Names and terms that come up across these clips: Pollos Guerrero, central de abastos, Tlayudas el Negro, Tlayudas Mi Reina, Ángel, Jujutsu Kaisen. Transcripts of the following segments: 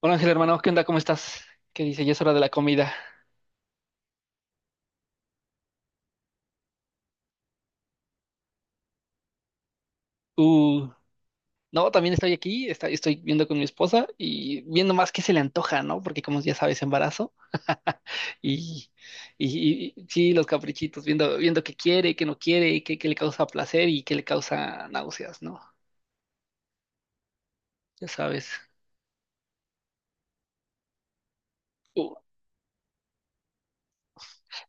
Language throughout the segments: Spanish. Hola Ángel, hermano, ¿qué onda? ¿Cómo estás? ¿Qué dice? Ya es hora de la comida. Uh, no, también estoy aquí, estoy viendo con mi esposa y viendo más qué se le antoja, ¿no? Porque como ya sabes, embarazo y, sí, los caprichitos, viendo, viendo qué quiere, qué no quiere, qué le causa placer y qué le causa náuseas, ¿no? Ya sabes.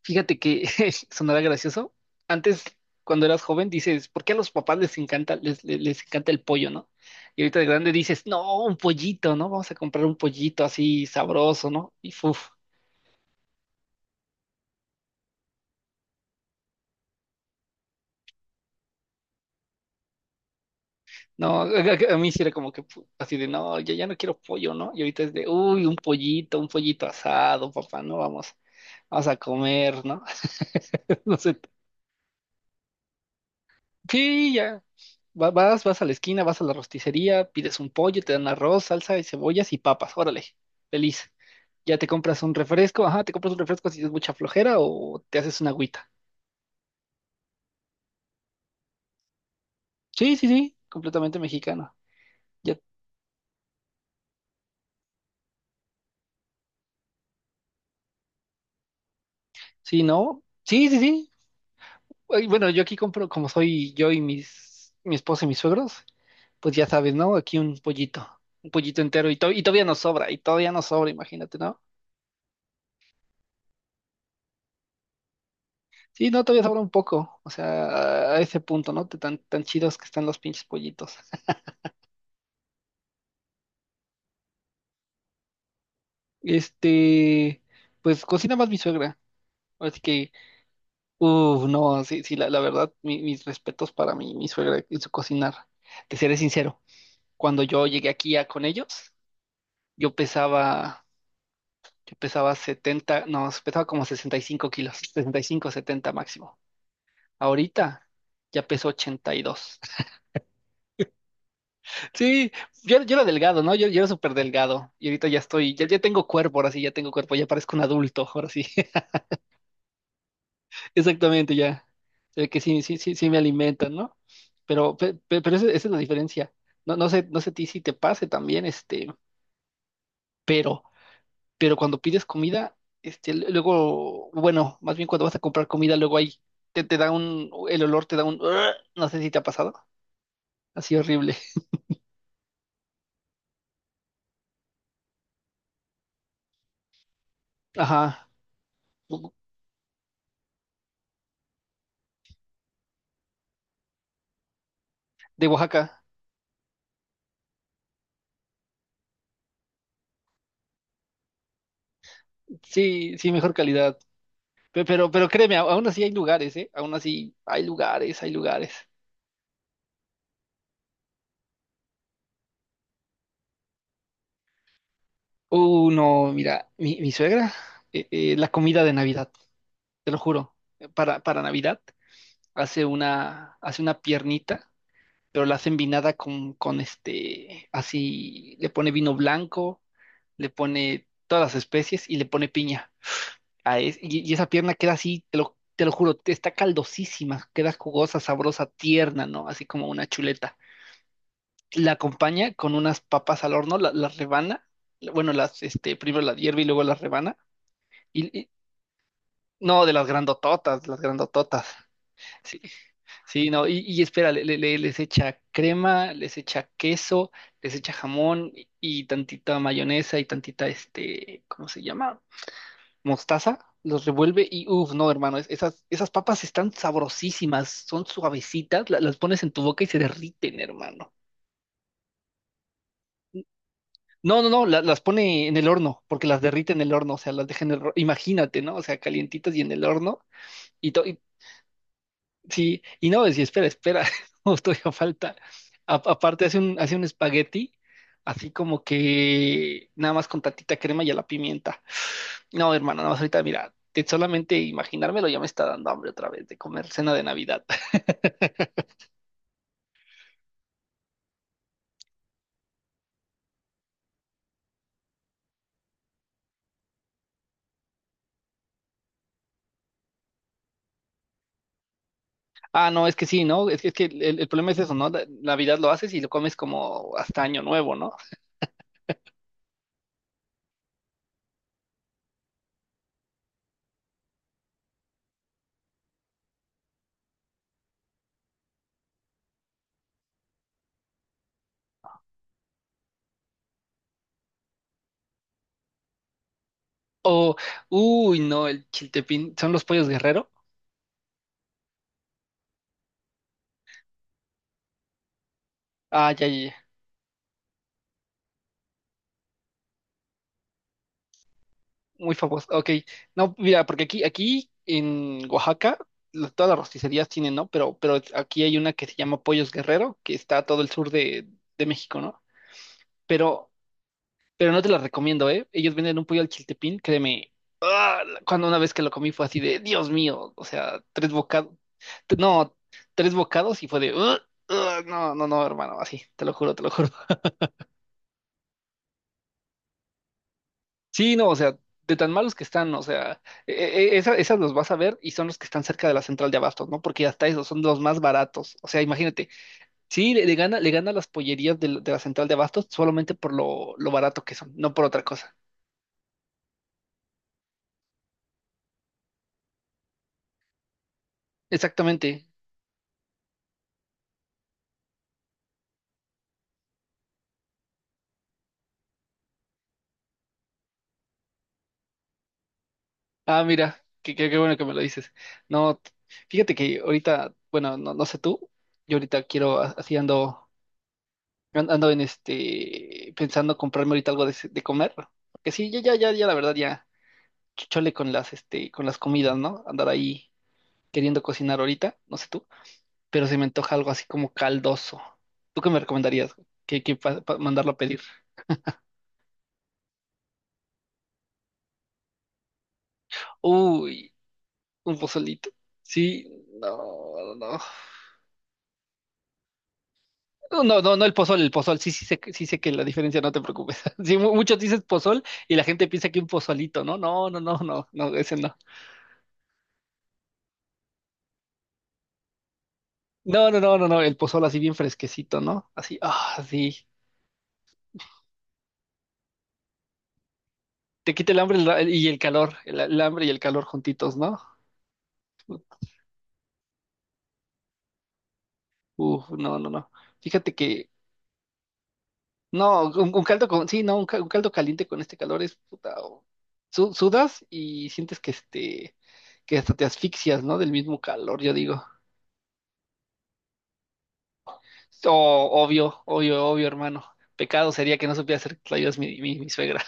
Fíjate que sonará gracioso. Antes, cuando eras joven, dices: ¿por qué a los papás les encanta el pollo? ¿No? Y ahorita de grande dices: no, un pollito, ¿no? Vamos a comprar un pollito así sabroso, ¿no? Y fuf, no, a mí sí era como que así de, no, yo ya no quiero pollo, ¿no? Y ahorita es de, uy, un pollito asado, papá, ¿no? Vamos, vamos a comer, ¿no? No sé. Sí, ya. Vas a la esquina, vas a la rosticería, pides un pollo, te dan arroz, salsa y cebollas y papas. Órale, feliz. Ya te compras un refresco, ajá, te compras un refresco si es mucha flojera o te haces una agüita. Sí, sí, sí, completamente mexicano. Ya, sí, no, sí, sí, sí. Ay, bueno, yo aquí compro, como soy yo y mi esposa y mis suegros, pues ya sabes, ¿no? Aquí un pollito entero y todavía nos sobra, y todavía nos sobra, imagínate, ¿no? Sí, no, todavía sobra un poco, o sea, a ese punto, ¿no? Tan, tan chidos que están los pinches pollitos. Este, pues cocina más mi suegra, así que, uff, no, sí, sí, la verdad, mis respetos para mi suegra y su cocinar. Te seré sincero, cuando yo llegué aquí con ellos, yo pesaba, yo pesaba 70, no, pesaba como 65 kilos, 65, 70 máximo. Ahorita ya peso 82. Sí, yo era delgado, ¿no? Yo era súper delgado y ahorita ya estoy, ya tengo cuerpo, ahora sí, ya tengo cuerpo, ya parezco un adulto, ahora sí, exactamente, ya. Se ve que sí, sí, sí, sí me alimentan, ¿no? Pero esa es la diferencia. No, no sé a ti si te pase también, este, pero, pero, cuando pides comida, luego, bueno, más bien cuando vas a comprar comida, luego ahí te da un, el olor te da un, "Ugh", no sé si te ha pasado, así horrible. Ajá, de Oaxaca. Sí, sí, mejor calidad. Pero, créeme, aún así hay lugares, ¿eh? Aún así hay lugares, hay lugares. No, mira, mi suegra, la comida de Navidad, te lo juro, para Navidad hace una piernita, pero la hace envinada con así, le pone vino blanco, le pone todas las especies y le pone piña. Y esa pierna queda así, te lo juro, está caldosísima, queda jugosa, sabrosa, tierna, ¿no? Así como una chuleta. La acompaña con unas papas al horno, las rebana, bueno, primero las hierve y luego las rebana, y, y- no, de las grandototas, sí, sí, no, y espera, les echa crema, les echa queso, les echa jamón y tantita mayonesa y tantita, este, ¿cómo se llama? Mostaza. Los revuelve y uff, no, hermano, esas papas están sabrosísimas, son suavecitas, las pones en tu boca y se derriten, hermano. No, no, no, las pone en el horno, porque las derrite en el horno, o sea, las deja en el horno, imagínate, ¿no? O sea, calientitas y en el horno, y, to- y- sí, y no, decía, espera, espera, no, todavía falta. Aparte hace un espagueti, así como que nada más con tantita crema y a la pimienta. No, hermano, no, ahorita mira, de solamente imaginármelo ya me está dando hambre otra vez de comer cena de Navidad. Ah, no, es que sí, ¿no? Es que el problema es eso, ¿no? Navidad lo haces y lo comes como hasta Año Nuevo, ¿no? O, uy, no, el chiltepín, son los Pollos Guerrero. Ah, ya, ya, ya, muy famoso. Ok, no, mira, porque aquí en Oaxaca, todas las rosticerías tienen, ¿no? Pero aquí hay una que se llama Pollos Guerrero, que está a todo el sur de México, ¿no? Pero, pero no te la recomiendo, ¿eh? Ellos venden un pollo al chiltepín, créeme. Ah, cuando una vez que lo comí fue así de, Dios mío, o sea, tres bocados, no, tres bocados y fue de: "Ugh, ugh, no, no, no, hermano", así, te lo juro, te lo juro. Sí, no, o sea, de tan malos que están, o sea, e- esas los vas a ver y son los que están cerca de la central de abastos, ¿no? Porque hasta esos son los más baratos. O sea, imagínate, sí, le gana las pollerías de la central de abastos solamente por lo barato que son, no por otra cosa. Exactamente. Ah, mira, qué, qué, qué bueno que me lo dices. No, fíjate que ahorita, bueno, no, no sé tú, yo ahorita quiero, así ando, pensando comprarme ahorita algo de comer. Que sí, ya, ya, ya, ya, la verdad, ya. Chole con con las comidas, ¿no? Andar ahí queriendo cocinar ahorita, no sé tú, pero se me antoja algo así como caldoso. ¿Tú qué me recomendarías? Mandarlo a pedir? Uy, un pozolito. Sí, no, no. No, no, no, no el pozol, el pozol. Sí, sí sé que la diferencia, no te preocupes. Sí, muchos dices pozol y la gente piensa que un pozolito, ¿no? No, no, no, no, no, ese no. No, no, no, no, no, el pozol así bien fresquecito, ¿no? Así, ah, sí. Te quita el hambre el y el calor, el hambre y el calor juntitos, ¿no? Uf, no, no, no. Fíjate que, no, un caldo con, sí, no, un caldo caliente con este calor es puta. Sudas y sientes que que hasta te asfixias, ¿no? Del mismo calor, yo digo. Oh, obvio, obvio, obvio, hermano. Pecado sería que no supiera hacer tlayudas mi suegra.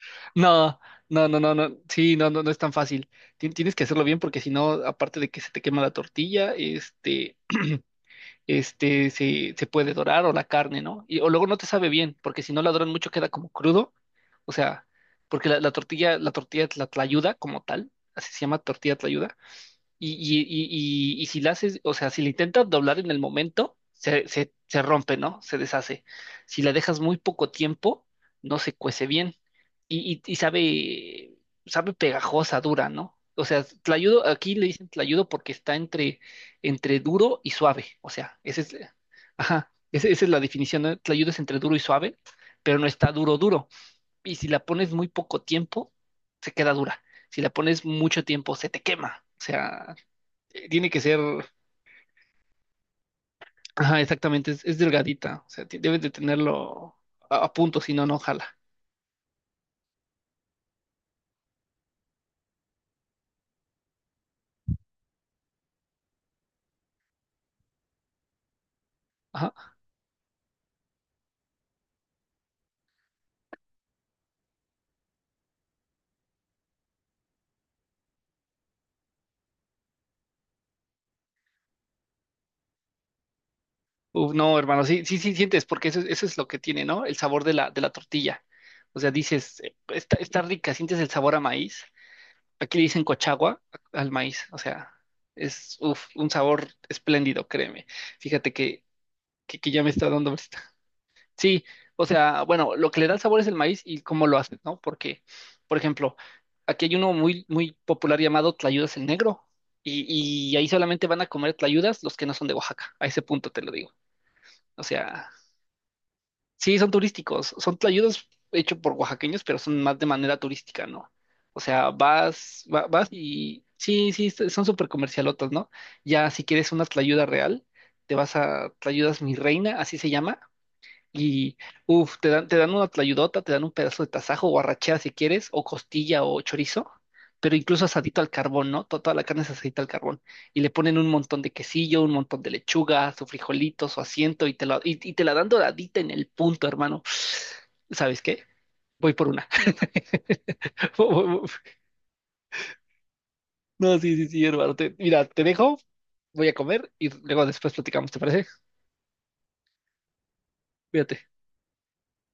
No, no, no, no, no. Sí, no, no, no es tan fácil. Tienes que hacerlo bien porque si no, aparte de que se te quema la tortilla. Se puede dorar o la carne, ¿no? Y, o luego no te sabe bien, porque si no la doran mucho queda como crudo, o sea, porque la tlayuda como tal, así se llama tortilla y si la haces, o sea, si la intentas doblar en el momento, se rompe, ¿no? Se deshace. Si la dejas muy poco tiempo, no se cuece bien. Y sabe pegajosa, dura, ¿no? O sea, tlayudo, aquí le dicen tlayudo porque está entre duro y suave. O sea, ese es, ajá, esa es la definición, ¿no? Tlayudo es entre duro y suave, pero no está duro, duro. Y si la pones muy poco tiempo, se queda dura. Si la pones mucho tiempo, se te quema. O sea, tiene que ser, ajá, exactamente, es delgadita, o sea, debes de tenerlo a punto, si no, no jala. Ajá. Uf, no, hermano, sí, sí, sí sientes, porque eso, eso es lo que tiene, ¿no? El sabor de de la tortilla. O sea, dices, está rica, sientes el sabor a maíz. Aquí le dicen cochagua al maíz, o sea, es uf, un sabor espléndido, créeme. Fíjate que, que ya me está dando. Sí, o sea, bueno, lo que le da el sabor es el maíz y cómo lo hacen, ¿no? Porque, por ejemplo, aquí hay uno muy, muy popular llamado Tlayudas el Negro y, y ahí solamente van a comer tlayudas los que no son de Oaxaca, a ese punto te lo digo. O sea, sí, son turísticos, son tlayudas hechos por oaxaqueños, pero son más de manera turística, ¿no? O sea, vas y sí, sí, son súper comercialotas, ¿no? Ya si quieres una tlayuda real, te vas a Tlayudas Mi Reina, así se llama y, uff, te dan una tlayudota, te dan un pedazo de tasajo o arrachera si quieres, o costilla o chorizo, pero incluso asadito al carbón, ¿no? Toda la carne es asadita al carbón. Y le ponen un montón de quesillo, un montón de lechuga, su frijolito, su asiento, y te la dan doradita en el punto, hermano. ¿Sabes qué? Voy por una. No, sí, sí, sí, hermano. Mira, te dejo, voy a comer y luego después platicamos, ¿te parece? Cuídate.